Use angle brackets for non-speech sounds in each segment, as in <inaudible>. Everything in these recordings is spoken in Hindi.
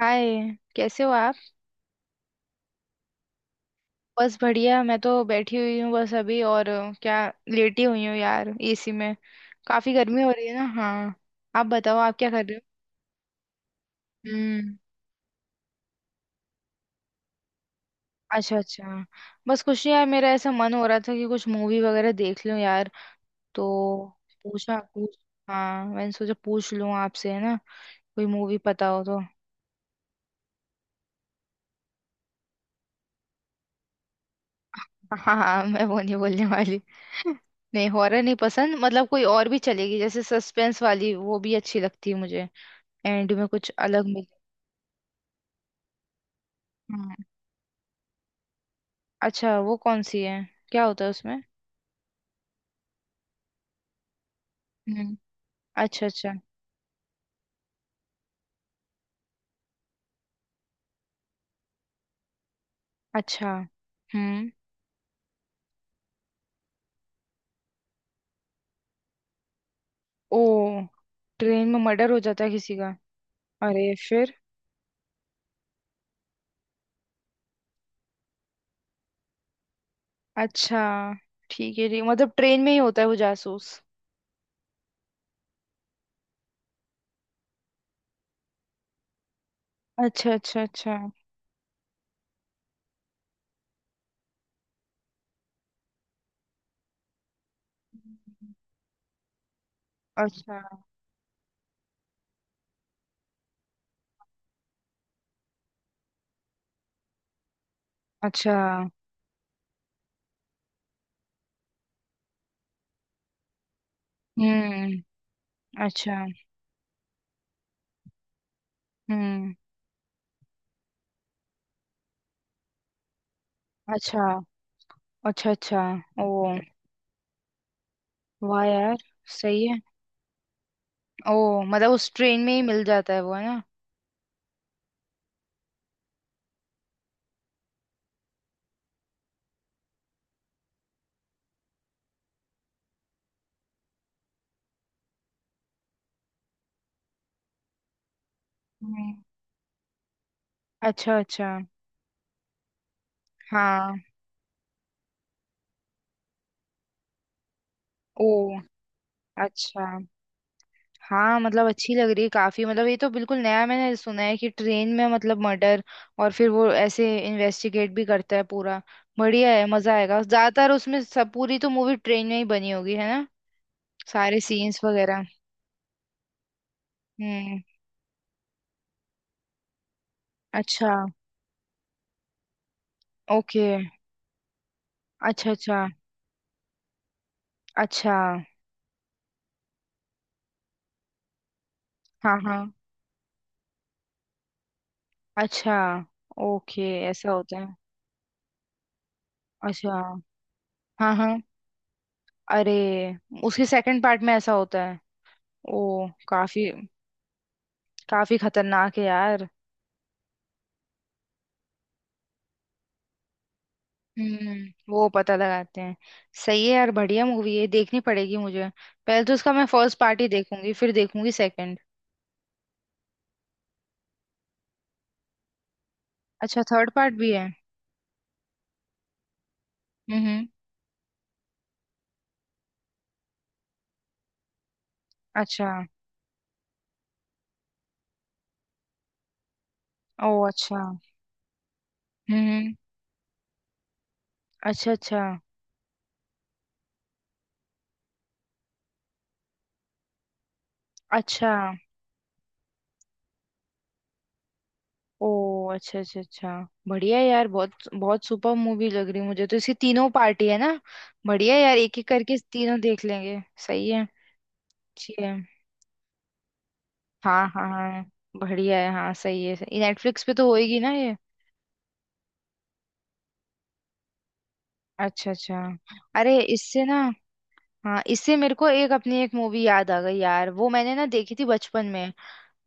हाय। कैसे हो आप? बस बढ़िया। मैं तो बैठी हुई हूँ बस अभी और क्या लेटी हुई हूँ यार एसी में। काफी गर्मी हो रही है ना। हाँ, आप बताओ, आप क्या कर रहे हो? हम्म। अच्छा अच्छा। बस कुछ नहीं यार, मेरा ऐसा मन हो रहा था कि कुछ मूवी वगैरह देख लूं यार। तो पूछा, पूछ। हाँ, मैंने सोचा पूछ लूं आपसे, है ना? कोई मूवी पता हो तो। <laughs> हाँ हाँ, मैं वो नहीं बोलने वाली। नहीं, हॉरर नहीं पसंद, मतलब कोई और भी चलेगी, जैसे सस्पेंस वाली वो भी अच्छी लगती है मुझे। एंड में कुछ अलग मिल। हम्म। अच्छा वो कौन सी है? क्या होता है उसमें? हम्म। अच्छा अच्छा अच्छा। हम्म। ओ। ट्रेन में मर्डर हो जाता है किसी का? अरे, फिर? अच्छा। ठीक है, ठीक, मतलब ट्रेन में ही होता है वो जासूस? अच्छा अच्छा अच्छा। अच्छा अच्छा। हम्म। अच्छा। हम्म। अच्छा अच्छा अच्छा। ओ, वाह यार! सही है। ओ, मतलब उस ट्रेन में ही मिल जाता है वो, है ना? हम्म। अच्छा अच्छा। हाँ। ओ, अच्छा। हाँ मतलब अच्छी लग रही है काफी, मतलब ये तो बिल्कुल नया मैंने सुना है कि ट्रेन में मतलब मर्डर। और फिर वो ऐसे इन्वेस्टिगेट भी करता है पूरा। बढ़िया है, मजा आएगा। ज्यादातर उसमें सब, पूरी तो मूवी ट्रेन में ही बनी होगी, है ना? सारे सीन्स वगैरह। हम्म। अच्छा। ओके। अच्छा अच्छा अच्छा। हाँ हाँ। अच्छा। ओके, ऐसा होता है? अच्छा। हाँ हाँ। अरे। उसके सेकंड पार्ट में ऐसा होता है? ओ, काफी काफी खतरनाक है यार। हम्म, वो पता लगाते हैं। सही है यार, बढ़िया मूवी है, देखनी पड़ेगी मुझे। पहले तो उसका मैं फर्स्ट पार्ट ही देखूंगी, फिर देखूंगी सेकंड। अच्छा, थर्ड पार्ट भी है? हम्म। अच्छा। ओ, अच्छा। हम्म। अच्छा अच्छा अच्छा। ओ, अच्छा अच्छा अच्छा। बढ़िया यार, बहुत बहुत सुपर मूवी लग रही मुझे तो, इसकी तीनों पार्टी है ना। बढ़िया यार, एक एक करके तीनों देख लेंगे। सही है। ठीक है। हाँ हाँ हाँ, बढ़िया है। हाँ, सही है। नेटफ्लिक्स पे तो होएगी ना ये? अच्छा अच्छा। अरे इससे ना। हाँ, इससे मेरे को एक अपनी एक मूवी याद आ गई यार, वो मैंने ना देखी थी बचपन में।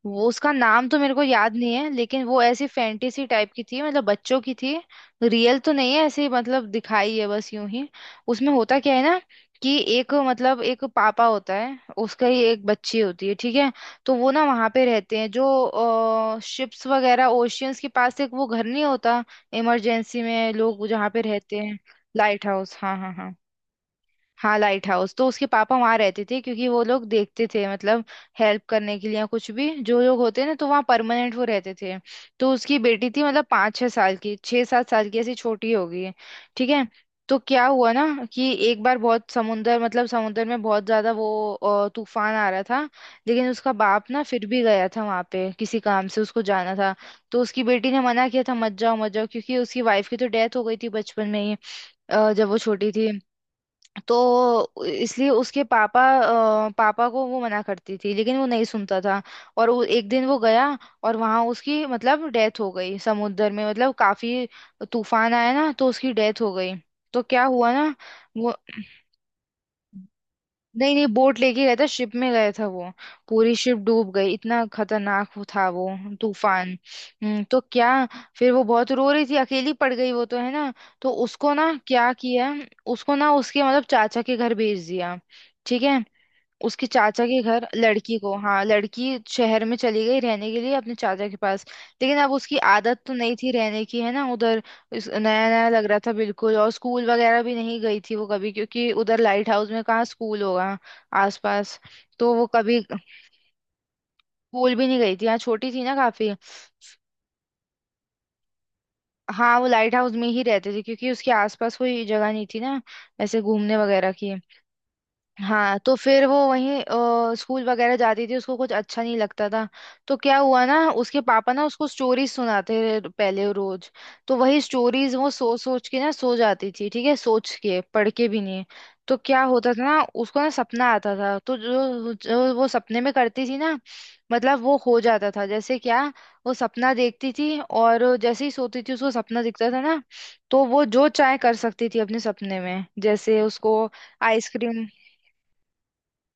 वो, उसका नाम तो मेरे को याद नहीं है, लेकिन वो ऐसी फैंटेसी टाइप की थी, मतलब बच्चों की थी। रियल तो नहीं है, ऐसे ही मतलब दिखाई है बस यूं ही। उसमें होता क्या है ना, कि एक मतलब एक पापा होता है, उसका ही एक बच्ची होती है, ठीक है। तो वो ना वहां पे रहते हैं, जो शिप्स वगैरह ओशियंस के पास एक वो घर नहीं होता। इमरजेंसी में लोग जहाँ पे रहते हैं। लाइट हाउस हाँ हाँ हाँ। हाँ लाइट हाउस, तो उसके पापा वहां रहते थे, क्योंकि वो लोग देखते थे मतलब। हेल्प करने के लिए या कुछ भी, जो लोग होते हैं ना, तो वहाँ परमानेंट वो रहते थे। तो उसकी बेटी थी मतलब 5-6 साल की, 6-7 साल की, ऐसी छोटी होगी। ठीक है। तो क्या हुआ ना, कि एक बार बहुत समुंदर मतलब समुंदर में बहुत ज्यादा वो तूफान आ रहा था। लेकिन उसका बाप ना फिर भी गया था वहां पे, किसी काम से उसको जाना था। तो उसकी बेटी ने मना किया था, मत जाओ मत जाओ, क्योंकि उसकी वाइफ की तो डेथ हो गई थी बचपन में ही। जब वो छोटी थी। तो इसलिए उसके पापा पापा को वो मना करती थी, लेकिन वो नहीं सुनता था। और वो एक दिन वो गया। और वहां उसकी मतलब डेथ हो गई समुद्र में, मतलब काफी तूफान आया ना तो उसकी डेथ हो गई। तो क्या हुआ ना वो। नहीं नहीं, बोट लेके गया था, शिप में गया था वो। पूरी शिप डूब गई, इतना खतरनाक वो था वो तूफान। हम्म। तो क्या, फिर वो बहुत रो रही थी, अकेली पड़ गई वो तो, है ना। तो उसको ना क्या किया, उसको ना उसके मतलब चाचा के घर भेज दिया, ठीक है। उसके चाचा के घर लड़की को, हाँ, लड़की शहर में चली गई रहने के लिए अपने चाचा के पास। लेकिन अब उसकी आदत तो नहीं थी रहने की, है ना, उधर। नया नया लग रहा था बिल्कुल, और स्कूल वगैरह भी नहीं गई थी वो कभी, क्योंकि उधर लाइट हाउस में कहाँ स्कूल होगा आसपास। तो वो कभी स्कूल भी नहीं गई थी, हाँ, छोटी थी ना काफी। हाँ, वो लाइट हाउस में ही रहते थे, क्योंकि उसके आसपास कोई जगह नहीं थी ना, ऐसे घूमने वगैरह की। हाँ, तो फिर वो वहीं स्कूल वगैरह जाती थी, उसको कुछ अच्छा नहीं लगता था। तो क्या हुआ ना, उसके पापा ना उसको स्टोरीज सुनाते रहे पहले रोज। तो वही स्टोरीज वो सोच सोच के ना सो जाती थी, ठीक है, सोच के पढ़ के भी नहीं। तो क्या होता था ना, उसको ना सपना आता था, तो जो जो वो सपने में करती थी ना। मतलब वो हो जाता था, जैसे क्या। वो सपना देखती थी और जैसे ही सोती थी उसको सपना दिखता था ना। तो वो जो चाहे कर सकती थी अपने सपने में, जैसे उसको आइसक्रीम।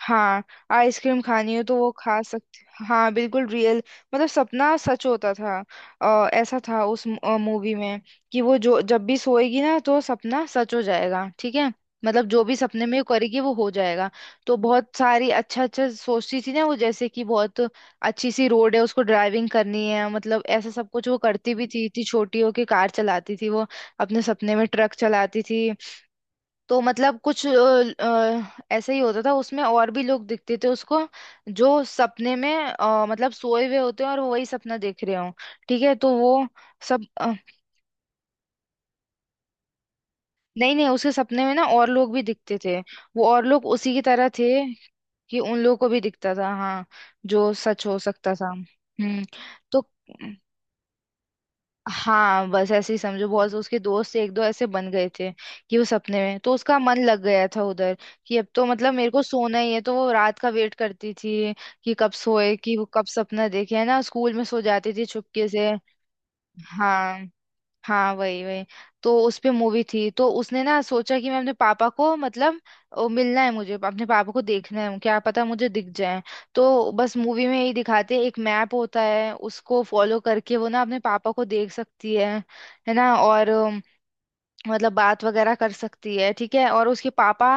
हाँ, आइसक्रीम खानी हो तो वो खा सकते, हाँ बिल्कुल रियल। मतलब सपना सच होता था। ऐसा था उस मूवी में। कि वो जो जब भी सोएगी ना तो सपना सच हो जाएगा, ठीक है। मतलब जो भी सपने में वो करेगी वो हो जाएगा। तो बहुत सारी अच्छा अच्छा सोचती थी ना वो, जैसे कि बहुत अच्छी सी रोड है, उसको ड्राइविंग करनी है, मतलब ऐसा सब कुछ वो करती भी थी, इतनी छोटी होके कार चलाती थी वो। अपने सपने में ट्रक चलाती थी। तो मतलब कुछ ऐसे ही होता था, उसमें और भी लोग दिखते थे उसको। जो सपने में मतलब सोए हुए होते हैं और वो वही सपना देख रहे हो, ठीक है, तो वो। सब नहीं नहीं, उसके सपने में ना और लोग भी दिखते थे। वो और लोग उसी की तरह थे, कि उन लोगों को भी दिखता था, हाँ, जो सच हो सकता था, हम्म। तो हाँ, बस ऐसे ही समझो, बहुत उसके दोस्त एक दो ऐसे बन गए थे। कि वो सपने में तो उसका मन लग गया था उधर। कि अब तो मतलब मेरे को सोना ही है, तो वो रात का वेट करती थी। कि कब सोए, कि वो कब सपना देखे, है ना, स्कूल में सो जाती थी चुपके से। हाँ हाँ वही वही। तो उस पे मूवी थी, तो उसने ना सोचा कि मैं अपने पापा को मतलब। ओ, मिलना है मुझे अपने पापा को, देखना है, क्या पता मुझे दिख जाए। तो बस मूवी में यही दिखाते हैं, एक मैप होता है, उसको फॉलो करके वो ना अपने पापा को देख सकती है। है ना, और मतलब बात वगैरह कर सकती है, ठीक है, और उसके पापा।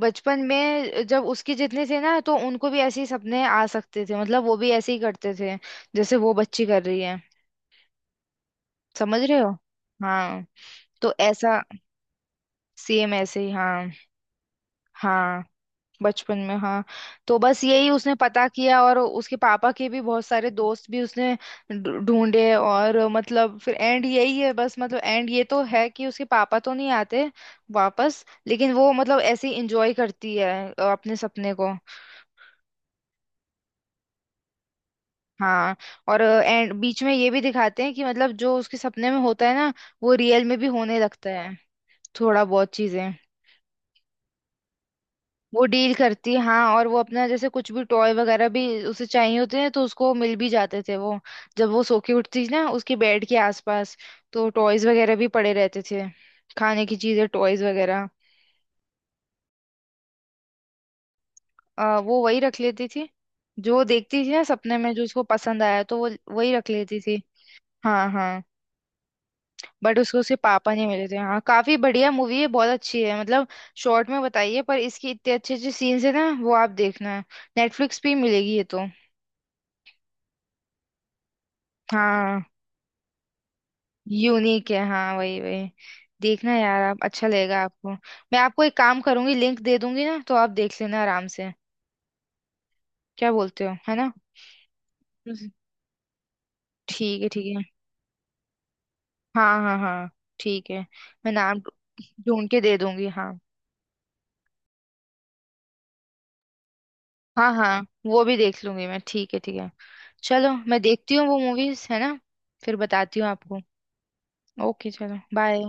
बचपन में जब उसके जितने थे ना, तो उनको भी ऐसे ही सपने आ सकते थे, मतलब वो भी ऐसे ही करते थे जैसे वो बच्ची कर रही है। समझ रहे हो। हाँ। तो ऐसा सेम ऐसे ही हाँ। हाँ, बचपन में हाँ। तो बस यही उसने पता किया और उसके पापा के भी बहुत सारे दोस्त भी उसने ढूंढे। और मतलब फिर एंड यही है बस, मतलब एंड ये तो है कि उसके पापा तो नहीं आते वापस, लेकिन वो मतलब ऐसे ही इंजॉय करती है अपने सपने को। हाँ। और एंड बीच में ये भी दिखाते हैं कि मतलब जो उसके सपने में होता है ना, वो रियल में भी होने लगता है, थोड़ा बहुत चीजें। वो डील करती, हाँ, और वो अपना जैसे कुछ भी टॉय वगैरह भी उसे चाहिए होते हैं तो उसको मिल भी जाते थे वो। जब वो सो के उठती ना, उसके बेड के आसपास तो टॉयज वगैरह भी पड़े रहते थे। खाने की चीजें, टॉयज वगैरह। वो वही रख लेती थी। जो देखती थी ना सपने में, जो उसको पसंद आया तो वो वही रख लेती थी। हाँ हाँ। बट उसको उसके पापा नहीं मिले थे, हाँ, काफी बढ़िया मूवी है, बहुत अच्छी है मतलब। शॉर्ट में बताइए, पर इसकी इतने अच्छे अच्छे सीन्स है ना, वो आप देखना, नेटफ्लिक्स पे ही मिलेगी ये तो। हाँ, यूनिक है, हाँ वही वही। देखना यार आप, अच्छा लगेगा आपको। मैं आपको एक काम करूंगी, लिंक दे दूंगी ना तो आप देख लेना आराम से, क्या बोलते हो, है ना? हम्म। ठीक है ठीक है। हाँ हाँ हाँ ठीक है। मैं नाम ढूंढ के दे दूंगी। हाँ हाँ हाँ, वो भी देख लूंगी मैं, ठीक है ठीक है। चलो मैं देखती हूँ वो मूवीज, है ना, फिर बताती हूँ आपको। ओके, चलो बाय।